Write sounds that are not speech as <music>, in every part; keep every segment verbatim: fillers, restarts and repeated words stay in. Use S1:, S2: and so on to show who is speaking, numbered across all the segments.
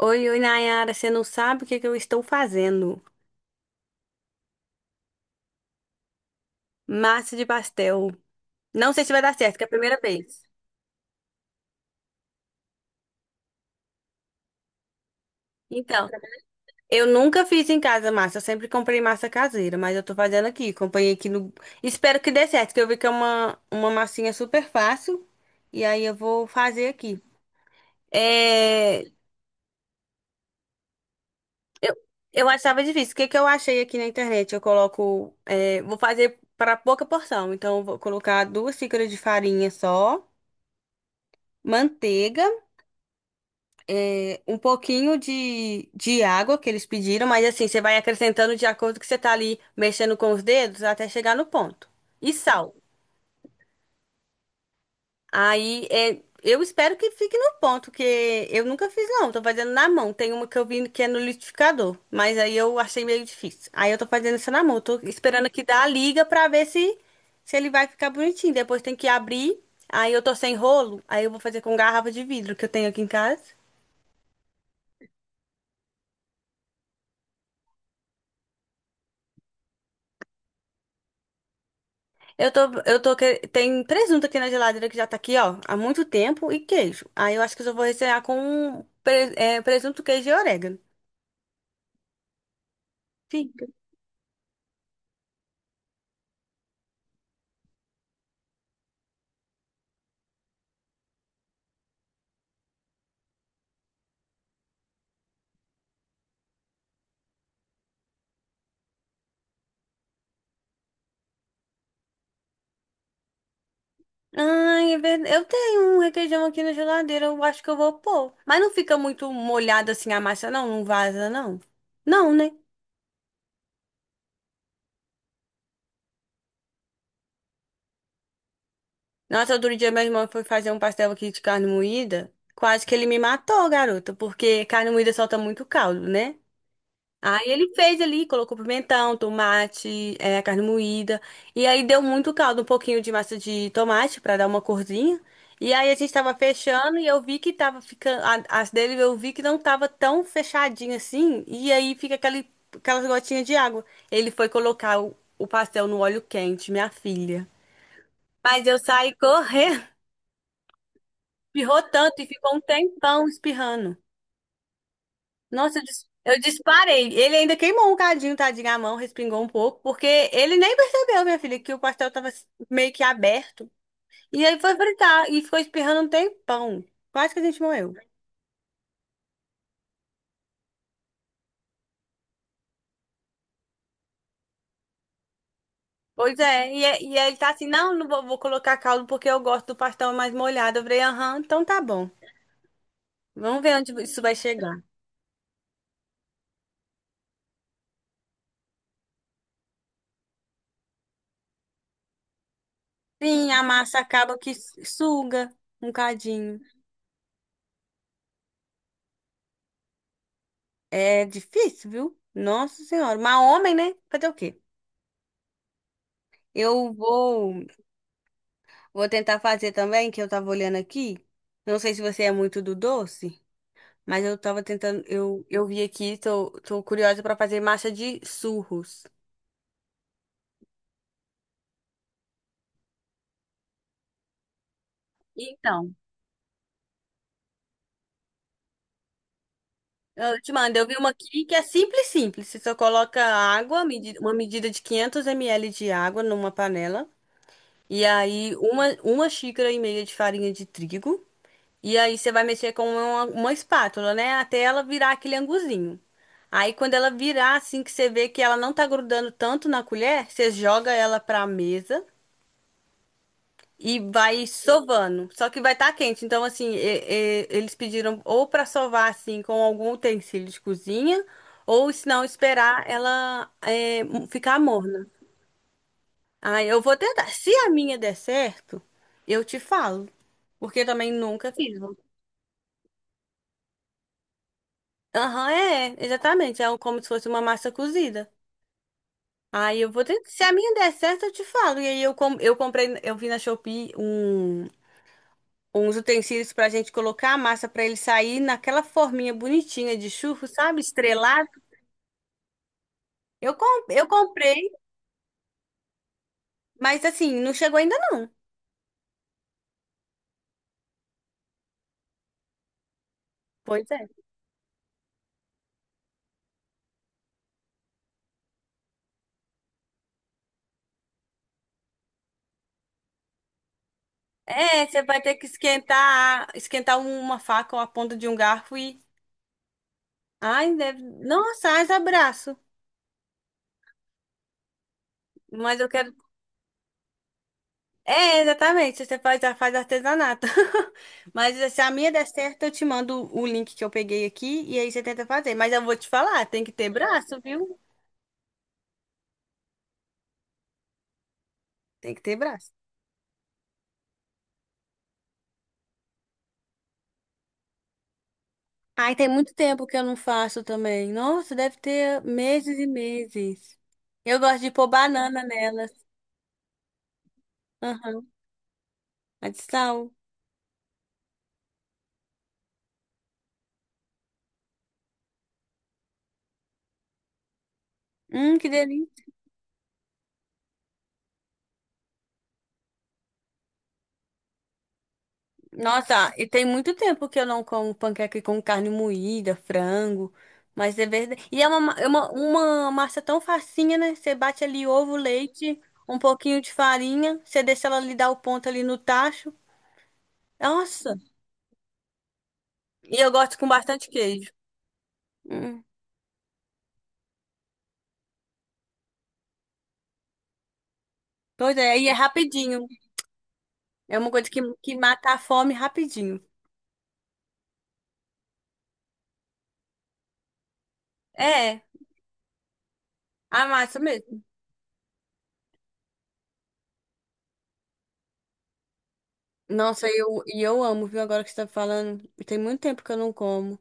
S1: Oi, oi, Nayara, você não sabe o que que eu estou fazendo? Massa de pastel. Não sei se vai dar certo, que é a primeira vez. Então, eu nunca fiz em casa massa, eu sempre comprei massa caseira, mas eu tô fazendo aqui, acompanhei aqui no... Espero que dê certo, que eu vi que é uma, uma massinha super fácil, e aí eu vou fazer aqui. É, eu, eu achava difícil, o que que eu achei aqui na internet? Eu coloco, é, vou fazer para pouca porção, então eu vou colocar duas xícaras de farinha só, manteiga, um pouquinho de, de água que eles pediram, mas assim, você vai acrescentando de acordo que você tá ali mexendo com os dedos até chegar no ponto. E sal. Aí é, eu espero que fique no ponto, que eu nunca fiz, não. Tô fazendo na mão. Tem uma que eu vi que é no liquidificador, mas aí eu achei meio difícil. Aí eu tô fazendo isso na mão. Tô esperando que dá a liga pra ver se, se ele vai ficar bonitinho. Depois tem que abrir. Aí eu tô sem rolo, aí eu vou fazer com garrafa de vidro que eu tenho aqui em casa. Eu tô, eu tô, que- Tem presunto aqui na geladeira que já tá aqui, ó, há muito tempo e queijo. Aí eu acho que eu só vou recear com pre- é, presunto, queijo e orégano. Fica. Ai, é verdade. Eu tenho um requeijão aqui na geladeira, eu acho que eu vou pôr. Mas não fica muito molhado assim a massa, não? Não vaza, não? Não, né? Nossa, outro dia minha irmã foi fazer um pastel aqui de carne moída. Quase que ele me matou, garota, porque carne moída solta muito caldo, né? Aí ele fez ali, colocou pimentão, tomate, é, carne moída. E aí deu muito caldo, um pouquinho de massa de tomate pra dar uma corzinha. E aí a gente tava fechando e eu vi que tava ficando. a- As dele eu vi que não tava tão fechadinho assim. E aí fica aquele, aquelas gotinhas de água. Ele foi colocar o, o pastel no óleo quente, minha filha. Mas eu saí correndo, <laughs> espirrou tanto e ficou um tempão espirrando. Nossa, eu, dis- eu disparei. Ele ainda queimou um cadinho, tadinho, a mão, respingou um pouco, porque ele nem percebeu, minha filha, que o pastel tava meio que aberto. E aí foi fritar e ficou espirrando um tempão. Quase que a gente morreu. Pois é, e, é- e aí ele tá assim, não, não vou, vou colocar caldo porque eu gosto do pastel mais molhado. Eu falei, aham, então tá bom. Vamos ver onde isso vai chegar. Sim, a massa acaba que suga um cadinho. É difícil, viu? Nossa Senhora. Mas homem, né? Fazer o quê? Eu vou. Vou tentar fazer também, que eu tava olhando aqui. Não sei se você é muito do doce, mas eu tava tentando, eu, eu vi aqui, tô, tô curiosa pra fazer massa de surros. Então, eu te mando, eu vi uma aqui que é simples, simples. Você só coloca água, medi- uma medida de quinhentos ml de água numa panela, e aí uma, uma xícara e meia de farinha de trigo. E aí você vai mexer com uma, uma espátula, né? Até ela virar aquele anguzinho. Aí quando ela virar, assim que você vê que ela não tá grudando tanto na colher, você joga ela pra mesa e vai sovando. Só que vai estar quente. Então, assim, e- e- eles pediram ou pra sovar, assim, com algum utensílio de cozinha, ou se não, esperar ela é, ficar morna. Aí eu vou tentar. Se a minha der certo, eu te falo. Porque eu também nunca fiz. Aham, é, exatamente. É um- como se fosse uma massa cozida. Aí eu vou ter, se a minha der certo, eu te falo. E aí eu, com- eu comprei, eu vi na Shopee um, uns utensílios pra gente colocar a massa pra ele sair naquela forminha bonitinha de churro, sabe? Estrelado. Eu, com- eu comprei, mas assim, não chegou ainda não. Pois é. É, você vai ter que esquentar, esquentar uma faca ou a ponta de um garfo e. Ai, deve. Nossa, ai, abraço. Mas eu quero. É, exatamente. Você faz, faz artesanato. <laughs> Mas se a minha der certo, eu te mando o link que eu peguei aqui e aí você tenta fazer. Mas eu vou te falar, tem que ter braço, viu? Tem que ter braço. Ai, tem muito tempo que eu não faço também. Nossa, deve ter meses e meses. Eu gosto de pôr banana nelas. Aham. A de sal. Hum, que delícia. Nossa, e tem muito tempo que eu não como panqueca com carne moída, frango, mas é verdade. E é uma, ma- é uma, uma massa tão facinha, né? Você bate ali ovo, leite, um pouquinho de farinha, você deixa ela ali dar o ponto ali no tacho. Nossa! E eu gosto com bastante queijo. Hum. Pois é, e é rapidinho. É uma coisa que, que mata a fome rapidinho. É, a massa mesmo. Nossa, eu, e eu amo, viu? Agora que você tá falando, tem muito tempo que eu não como.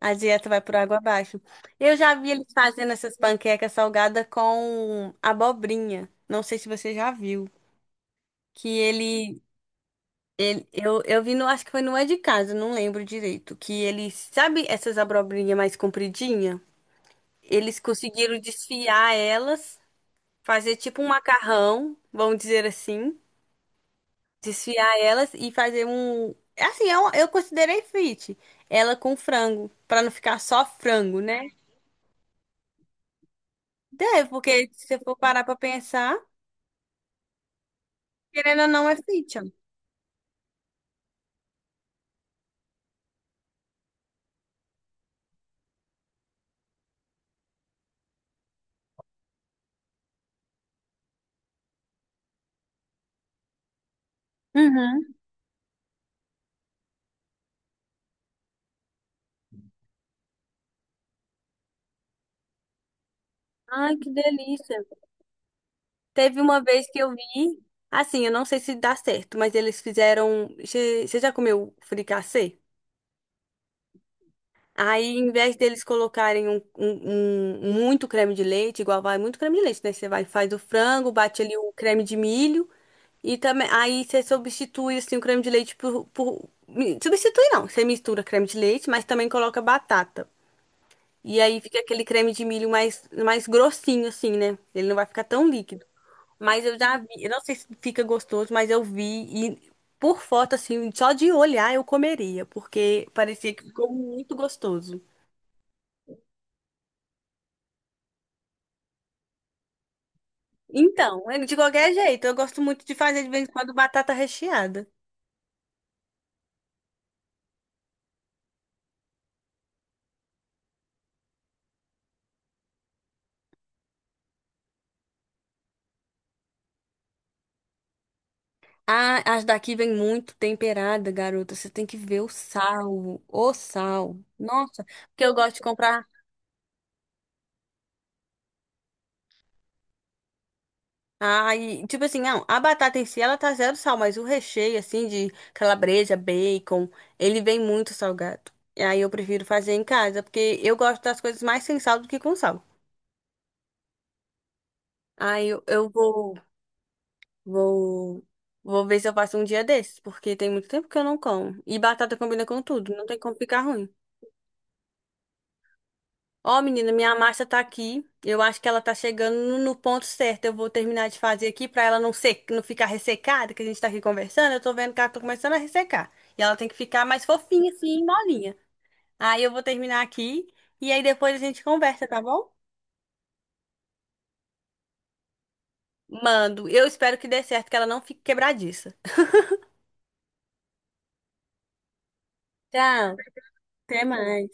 S1: A dieta vai por água abaixo. Eu já vi eles fazendo essas panquecas salgadas com abobrinha. Não sei se você já viu. Que ele, ele eu, eu vi no, acho que foi no É de Casa, não lembro direito. Que ele, sabe essas abobrinhas mais compridinhas? Eles conseguiram desfiar elas, fazer tipo um macarrão, vamos dizer assim. Desfiar elas e fazer um. Assim, eu, eu considerei fit. Ela com frango, pra não ficar só frango, né? Deve, porque se você for parar pra pensar, querendo ou não, é fiction. Uhum. Ai, que delícia. Teve uma vez que eu vi, assim, eu não sei se dá certo, mas eles fizeram. Você você já comeu fricassê? Aí, em vez deles colocarem um, um- um- um muito creme de leite, igual vai muito creme de leite, né? Você vai, faz o frango, bate ali o creme de milho e também aí você substitui assim o creme de leite por, por- mi- substitui não, você mistura creme de leite, mas também coloca batata. E aí fica aquele creme de milho mais, mais grossinho, assim, né? Ele não vai ficar tão líquido. Mas eu já vi, eu não sei se fica gostoso, mas eu vi e por foto, assim, só de olhar eu comeria, porque parecia que ficou muito gostoso. Então, é de qualquer jeito, eu gosto muito de fazer de vez em quando batata recheada. Ah, as daqui vem muito temperada, garota. Você tem que ver o sal, o sal. Nossa, porque eu gosto de comprar. Ai, tipo assim, não, a batata em si ela tá zero sal, mas o recheio, assim, de calabresa, bacon, ele vem muito salgado. E aí eu prefiro fazer em casa, porque eu gosto das coisas mais sem sal do que com sal. Aí eu, eu vou, vou, vou ver se eu faço um dia desses, porque tem muito tempo que eu não como. E batata combina com tudo, não tem como ficar ruim. Ó, menina, minha massa tá aqui. Eu acho que ela tá chegando no no ponto certo. Eu vou terminar de fazer aqui pra ela não se... não ficar ressecada, que a gente tá aqui conversando. Eu tô vendo que ela tá começando a ressecar. E ela tem que ficar mais fofinha, assim, molinha. Aí eu vou terminar aqui e aí depois a gente conversa, tá bom? Mando. Eu espero que dê certo, que ela não fique quebradiça. Tchau, até mais.